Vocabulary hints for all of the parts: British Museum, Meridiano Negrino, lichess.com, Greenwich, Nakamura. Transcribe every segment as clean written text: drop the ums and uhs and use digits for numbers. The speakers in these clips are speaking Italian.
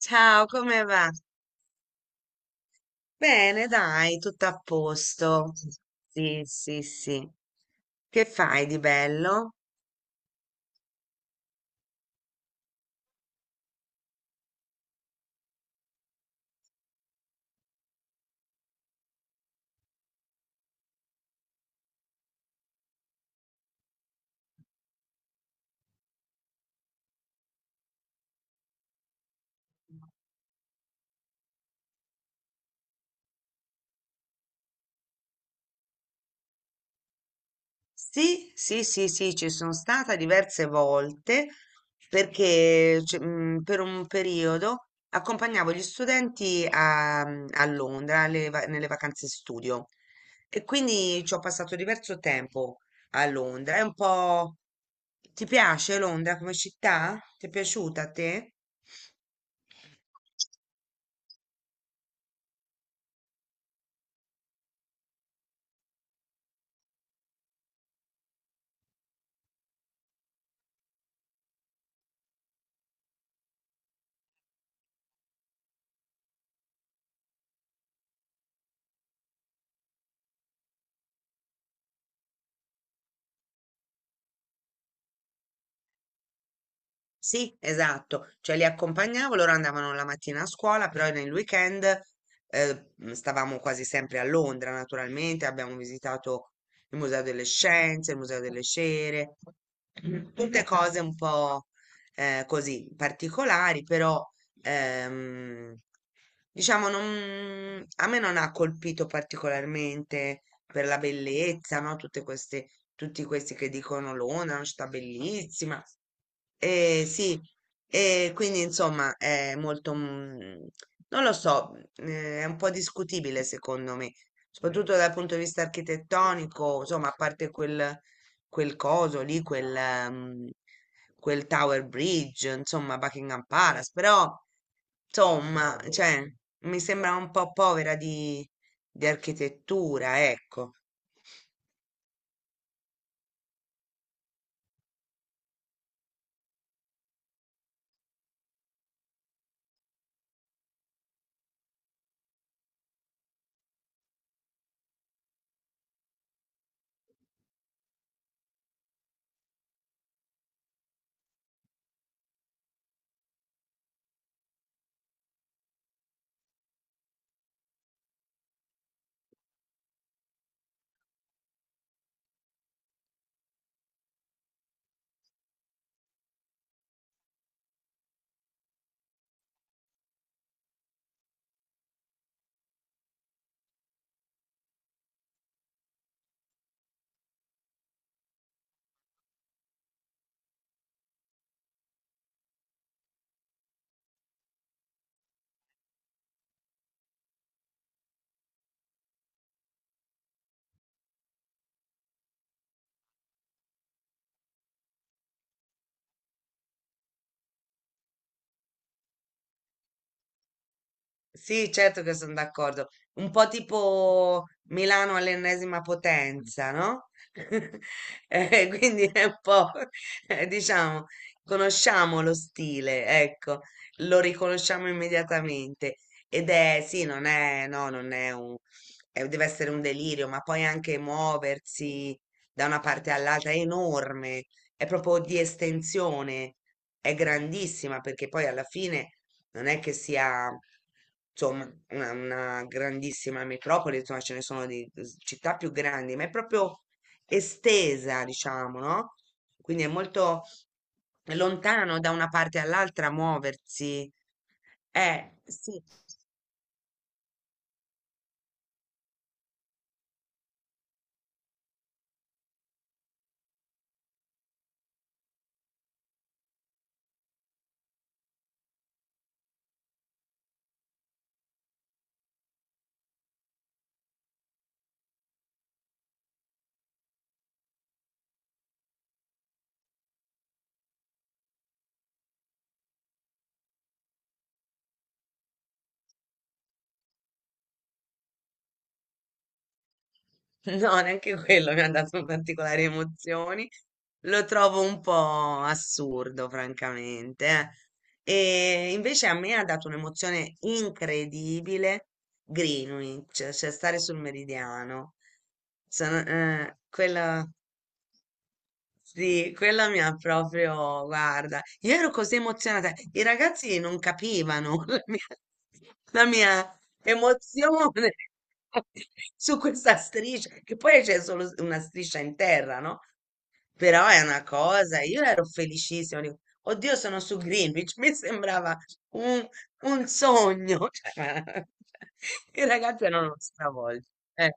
Ciao, come va? Bene, dai, tutto a posto. Sì, sì, sì. Che fai di bello? Sì, sì, sì, sì, ci sono stata diverse volte perché per un periodo accompagnavo gli studenti a, a Londra nelle vacanze studio, e quindi ci ho passato diverso tempo a Londra. È un po'... Ti piace Londra come città? Ti è piaciuta a te? Sì, esatto, cioè li accompagnavo, loro andavano la mattina a scuola, però nel weekend, stavamo quasi sempre a Londra, naturalmente, abbiamo visitato il Museo delle Scienze, il Museo delle Cere, tutte cose un po' così particolari, però... Ehm, diciamo, a me non ha colpito particolarmente per la bellezza, no? Tutte queste, tutti questi che dicono Londra è una città bellissima. Eh sì, e quindi insomma è molto, non lo so, è un po' discutibile secondo me, soprattutto dal punto di vista architettonico, insomma, quel coso lì, mm, quel Tower Bridge, insomma, Buckingham Palace, però... Insomma, cioè, mi sembra un po' povera di architettura, ecco. Sì, certo che sono d'accordo. Un po' tipo Milano all'ennesima potenza, no? Quindi è un po', diciamo, conosciamo lo stile, ecco, lo riconosciamo immediatamente. Ed è, sì, non è, no, non è un, deve essere un delirio, ma poi anche muoversi da una parte all'altra è enorme, è proprio di estensione, è grandissima, perché poi alla fine non è che sia, insomma, una grandissima metropoli, insomma, ce ne sono città più grandi, ma è proprio estesa, diciamo, no? Quindi è molto lontano da una parte all'altra muoversi. Sì. No, neanche quello mi ha dato particolari emozioni. Lo trovo un po' assurdo, francamente, eh. E invece a me ha dato un'emozione incredibile Greenwich, cioè stare sul meridiano. Quella, sì, quella mi ha proprio, guarda, io ero così emozionata, i ragazzi non capivano la mia emozione su questa striscia, che poi c'è solo una striscia in terra, no? Però è una cosa, io ero felicissima, dico, oddio, sono su Greenwich, mi sembrava un, un sogno, cioè, i ragazzi erano stravolti, eh.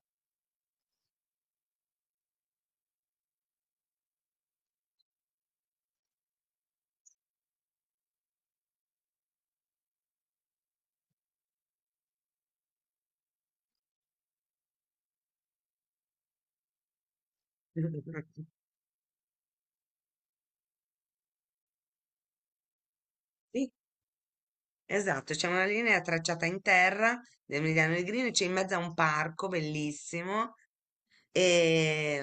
Sì, esatto, c'è una linea tracciata in terra del Meridiano Negrino, c'è in mezzo a un parco bellissimo, e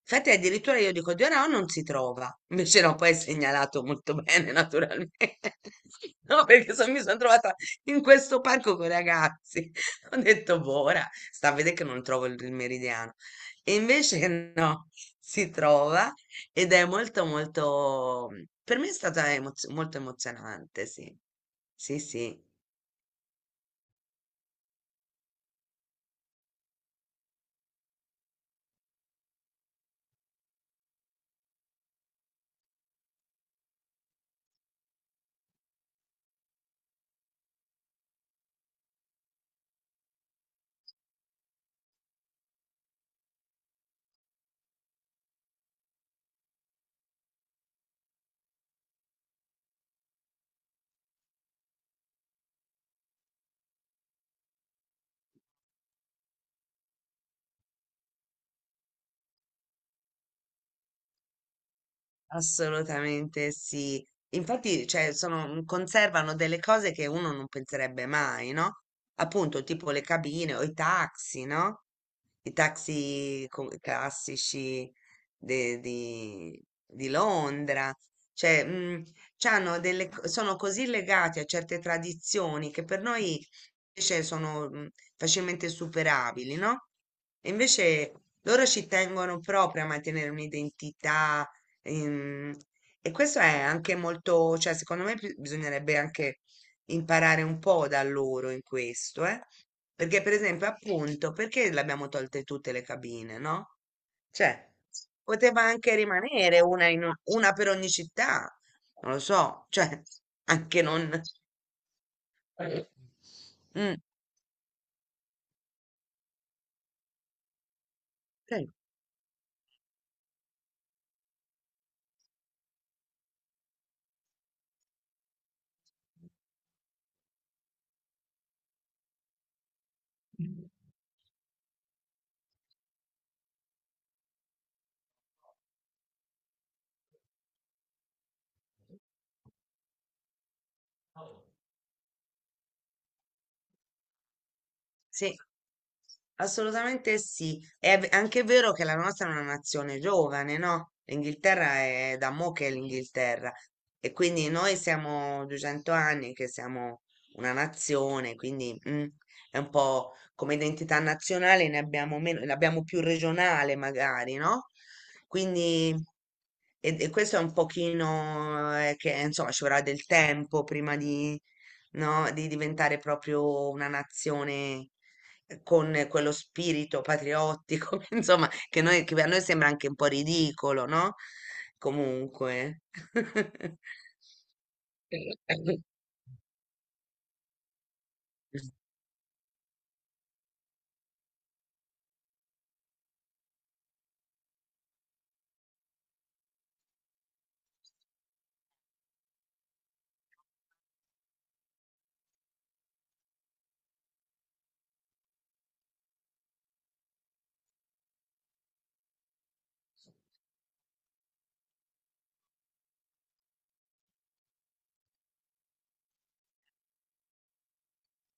infatti addirittura io dico Dio no, non si trova. Invece no, poi è segnalato molto bene, naturalmente. No, perché mi sono trovata in questo parco con i ragazzi. Ho detto, boh, ora sta a vedere che non trovo il meridiano. E invece no, si trova ed è molto, molto... Per me è stata molto emozionante, sì. Sì, sì. Assolutamente sì. Infatti, cioè, conservano delle cose che uno non penserebbe mai, no? Appunto, tipo le cabine o i taxi, no? I classici di Londra. Cioè, c'hanno sono così legati a certe tradizioni che per noi invece sono facilmente superabili, no? E invece loro ci tengono proprio a mantenere un'identità. Ehm, e questo è anche molto, cioè secondo me bisognerebbe anche imparare un po' da loro in questo, eh? Perché per esempio, appunto, perché le abbiamo tolte tutte le cabine, no? Cioè, poteva anche rimanere una, una per ogni città, non lo so, cioè, anche non... eh, mm, sì. Sì, assolutamente sì. È anche vero che la nostra è una nazione giovane, no? L'Inghilterra è da mo' che è l'Inghilterra, e quindi noi siamo 200 anni che siamo una nazione, quindi è un po', come identità nazionale ne abbiamo meno, ne abbiamo più regionale magari, no? Quindi, e questo è un pochino, che insomma ci vorrà del tempo prima di, no? Di diventare proprio una nazione con quello spirito patriottico, insomma, che, noi, che a noi sembra anche un po' ridicolo, no? Comunque.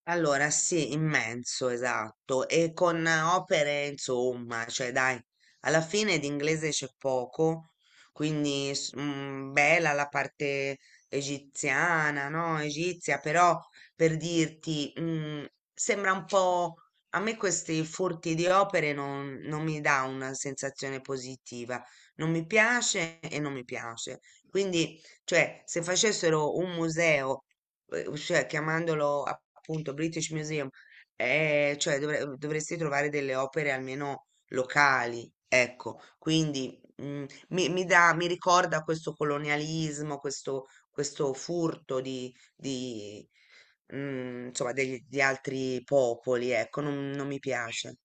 Allora, sì, immenso, esatto, e con opere, insomma, cioè dai, alla fine di inglese c'è poco, quindi bella la parte egiziana, no? Egizia, però, per dirti, sembra un po', a me questi furti di opere non, non mi dà una sensazione positiva, non mi piace e non mi piace. Quindi, cioè, se facessero un museo cioè chiamandolo appunto British Museum, cioè dovresti trovare delle opere almeno locali, ecco, quindi mi dà, mi ricorda questo colonialismo, questo furto di, mm, insomma, di altri popoli, ecco, non, non mi piace.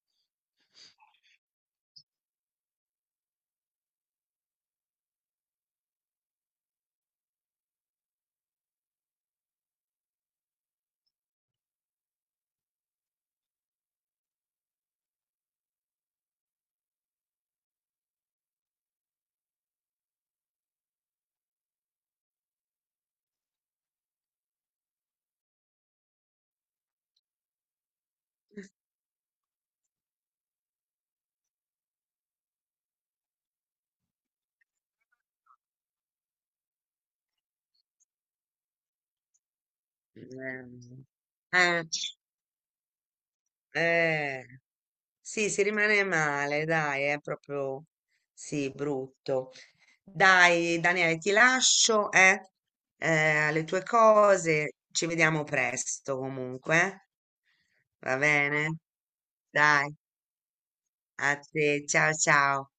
Eh, eh, eh, sì, si rimane male, dai, è proprio, sì, brutto. Dai, Daniele, ti lascio, eh, alle tue cose. Ci vediamo presto comunque, eh? Va bene? Dai, a te, ciao ciao.